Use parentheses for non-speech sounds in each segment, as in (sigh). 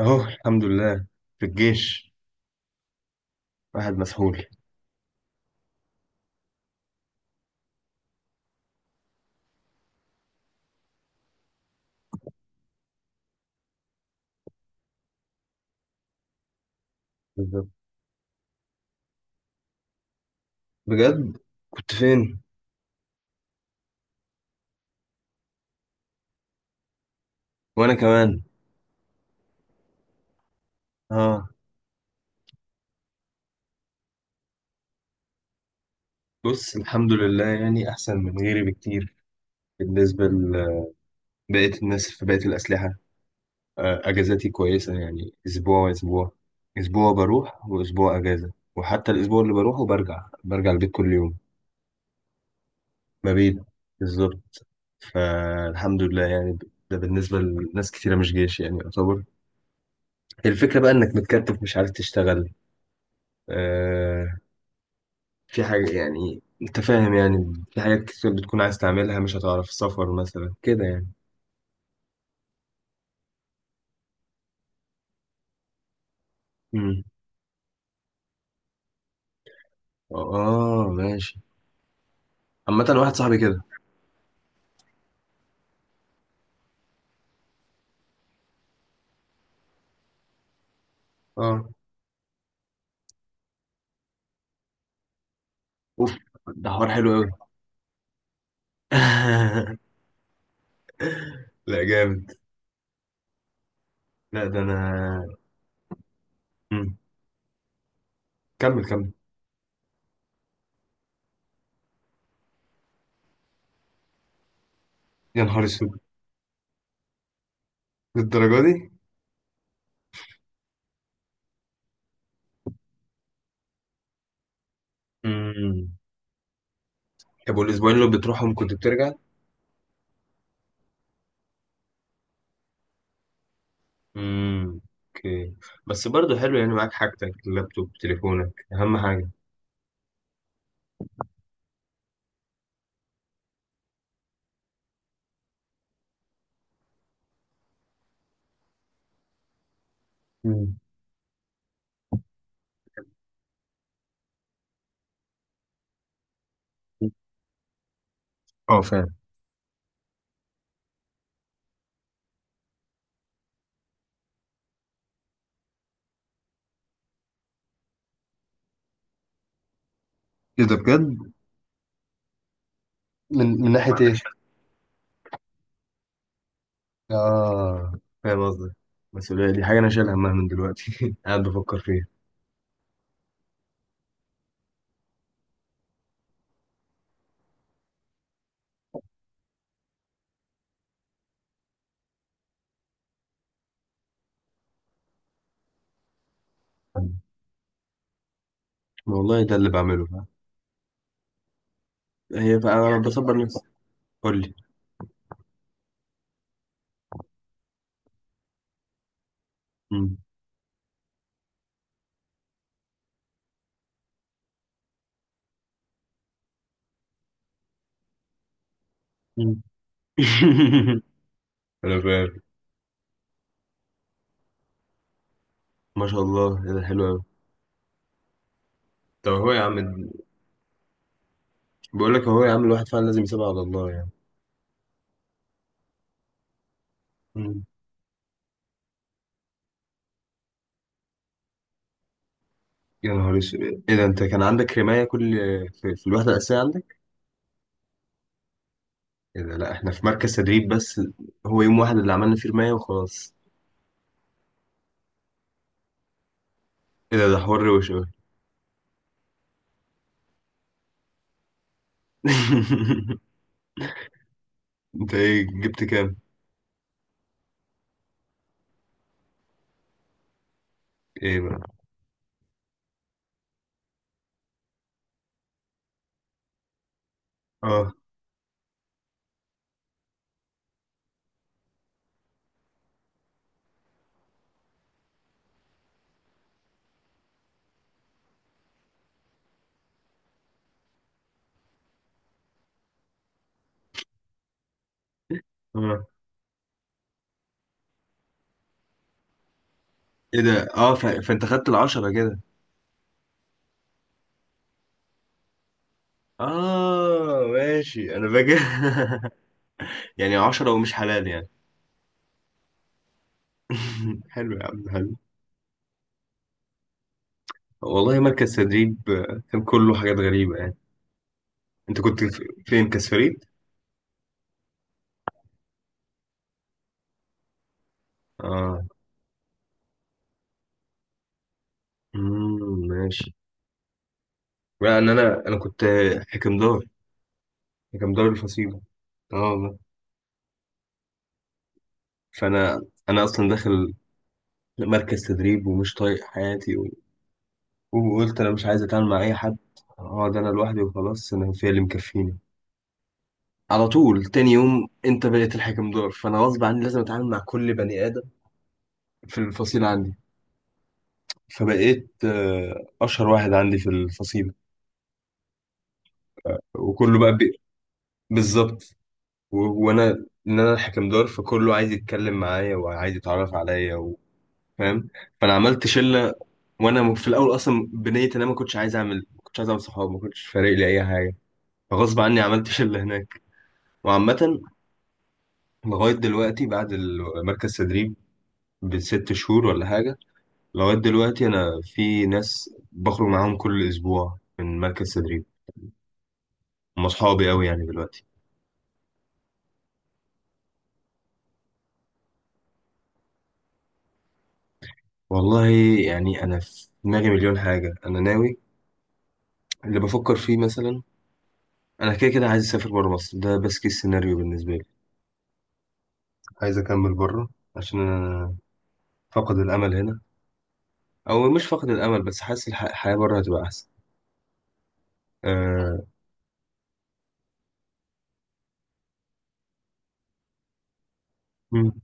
اهو الحمد لله. في الجيش. واحد مسحول. بالظبط. بجد؟ كنت فين؟ وانا كمان. اه. بص، الحمد لله، يعني احسن من غيري بكتير. بالنسبه لبقيه الناس في بقيه الاسلحه. اجازاتي كويسه، يعني اسبوع واسبوع. اسبوع بروح واسبوع اجازه، وحتى الاسبوع اللي بروحه برجع البيت كل يوم. مبيت. بالظبط. فالحمد لله يعني. ده بالنسبه لناس كتيره مش جيش يعني يعتبر. الفكره بقى انك متكتف، مش عارف تشتغل. آه، في حاجة يعني انت فاهم، يعني في حاجات كتير بتكون عايز تعملها مش هتعرف، سفر مثلا كده يعني. امم. اه، ماشي. عامة واحد صاحبي كده. اه. اوف. ده حوار حلو قوي. (laughs) لا، جامد. لا، ده انا. مم. كمل، كمل. يا نهار اسود. للدرجة دي؟ امم. طب والاسبوعين اللي بتروحهم كنت بترجع؟ امم. اوكي. بس برضه حلو، يعني معاك حاجتك اللابتوب تليفونك اهم حاجة. امم. اه، فاهم. ايه ده؟ بجد؟ من ناحية ما ايه؟ عندكش؟ اه، فاهم قصدك. المسؤولية دي حاجة أنا شايل همها من دلوقتي، (laughs) قاعد بفكر فيها. والله ده اللي بعمله، فاهم. هي بقى أنا بصبر نفسي. قول لي. مم. مم. (laughs) أنا فاهم. ما شاء الله، إيه ده؟ حلو أوي. طب هو يا عم. بقول لك، هو يا عم الواحد فعلا لازم يسيبها على الله يعني. مم. يا نهار اسود. ايه ده؟ انت كان عندك رماية في الوحدة الأساسية عندك؟ ايه ده؟ لا، احنا في مركز تدريب بس. هو يوم واحد اللي عملنا فيه رماية وخلاص. ايه ده؟ ده حوار وش أوي. (laughs) انت ايه جبت كام؟ ايه بقى؟ اه، اه. ايه ده؟ اه، فانت خدت العشرة كده؟ اه، ماشي، انا فاكر. (laughs) يعني عشرة ومش حلال يعني. (laughs) حلو يا عم، حلو. والله مركز تدريب كان كله حاجات غريبة يعني. انت كنت فين كاس فريد؟ اه. امم، ماشي. لان انا كنت حكمدار حكمدار الفصيلة. اه والله. فانا اصلا داخل مركز تدريب ومش طايق حياتي. وقلت انا مش عايز اتعامل مع اي حد. اقعد انا لوحدي وخلاص، انا في اللي مكفيني. على طول تاني يوم انت بقيت الحكم دور، فانا غصب عني لازم اتعامل مع كل بني ادم في الفصيل عندي. فبقيت اشهر واحد عندي في الفصيل. وكله بقى بالظبط. وانا ان انا الحكم دور، فكله عايز يتكلم معايا وعايز يتعرف عليا فاهم. فانا عملت شله. وانا في الاول اصلا بنيت، انا ما كنتش عايز اعمل صحاب، ما كنتش فارق لي اي حاجه. فغصب عني عملت شله هناك. وعامه، لغاية دلوقتي بعد مركز تدريب بست شهور ولا حاجة. لغاية دلوقتي أنا في ناس بخرج معاهم كل أسبوع من مركز تدريب، هم أصحابي أوي يعني دلوقتي. والله، يعني أنا في دماغي مليون حاجة أنا ناوي. اللي بفكر فيه مثلا، أنا كده كده عايز أسافر بره مصر، ده بس كيس سيناريو بالنسبة لي. عايز أكمل بره، عشان أنا فقد الأمل هنا. أو مش فقد الأمل، بس حاسس الحياة بره هتبقى أحسن. أه... مم.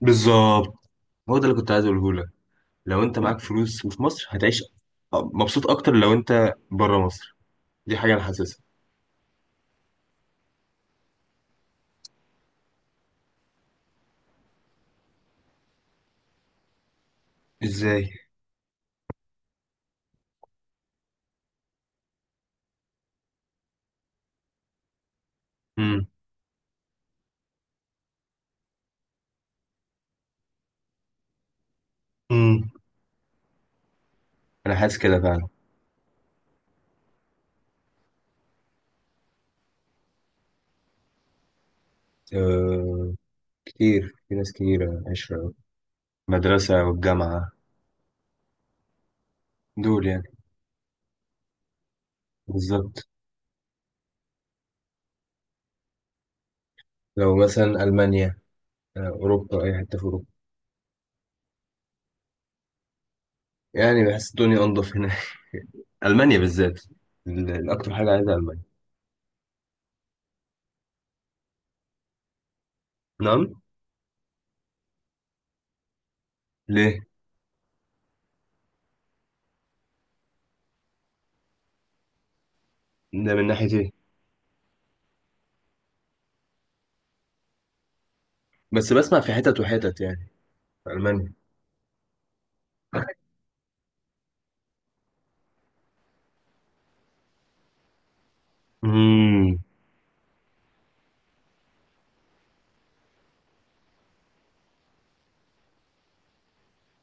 بالظبط. هو ده اللي كنت عايز أقوله لك. لو انت معاك فلوس وفي مصر هتعيش مبسوط اكتر لو انت بره مصر. دي حاجه انا حاسسها. ازاي؟ امم، امم. انا حاسس كده فعلا. أه، كتير، في ناس كتير عشرة. مدرسه والجامعه. دول يعني. بالظبط. لو مثلا المانيا. اوروبا، اي حته في اوروبا. يعني بحس الدنيا انضف هنا. (laughs) المانيا بالذات. الاكتر حاجه عايزها المانيا. نعم؟ ليه؟ ده من ناحيه ايه؟ بس بسمع في حتت وحتت يعني. في المانيا. امم.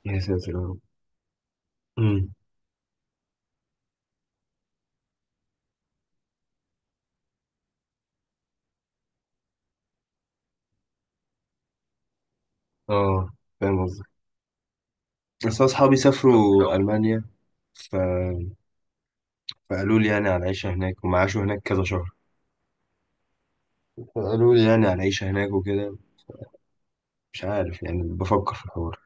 يا ساتر يا رب. اه، فاهم قصدك. بس أنا أصحابي سافروا ألمانيا. ف... فقالوا لي يعني على العيشة هناك، وما عاشوا هناك كذا شهر. فقالوا لي يعني على العيشة هناك وكده. مش عارف، يعني بفكر في الحوار.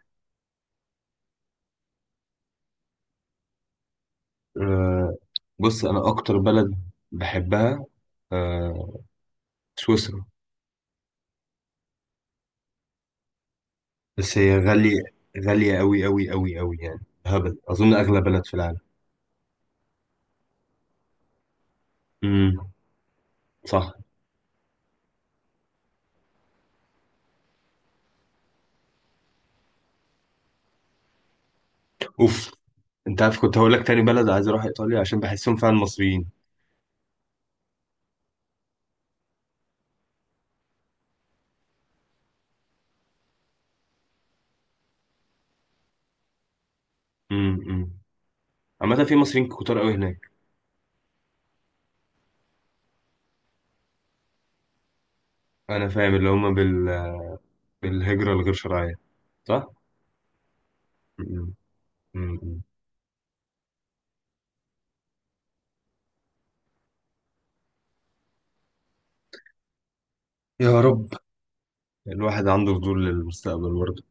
أه، بص أنا أكتر بلد بحبها، أه سويسرا. بس هي غالية. غالية أوي أوي أوي أوي يعني. هبل، أظن أغلى بلد في العالم. امم. صح. أوف. أنت عارف كنت هقول لك، تاني بلد عايز أروح إيطاليا عشان بحسهم فعلا مصريين. امم، أمم. عامة في مصريين كتار أوي هناك. انا فاهم اللي هم بالهجرة الغير شرعية، صح؟ م- م- م. يا رب. الواحد عنده فضول للمستقبل برضه،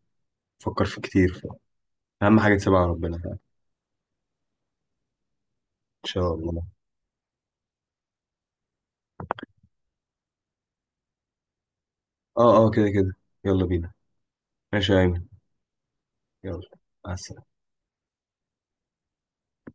فكر في كتير أهم حاجة تسيبها على ربنا فعلا، إن شاء الله. اه، اه، كده كده. يلا بينا. ماشي يا أيمن. يلا. مع السلامة.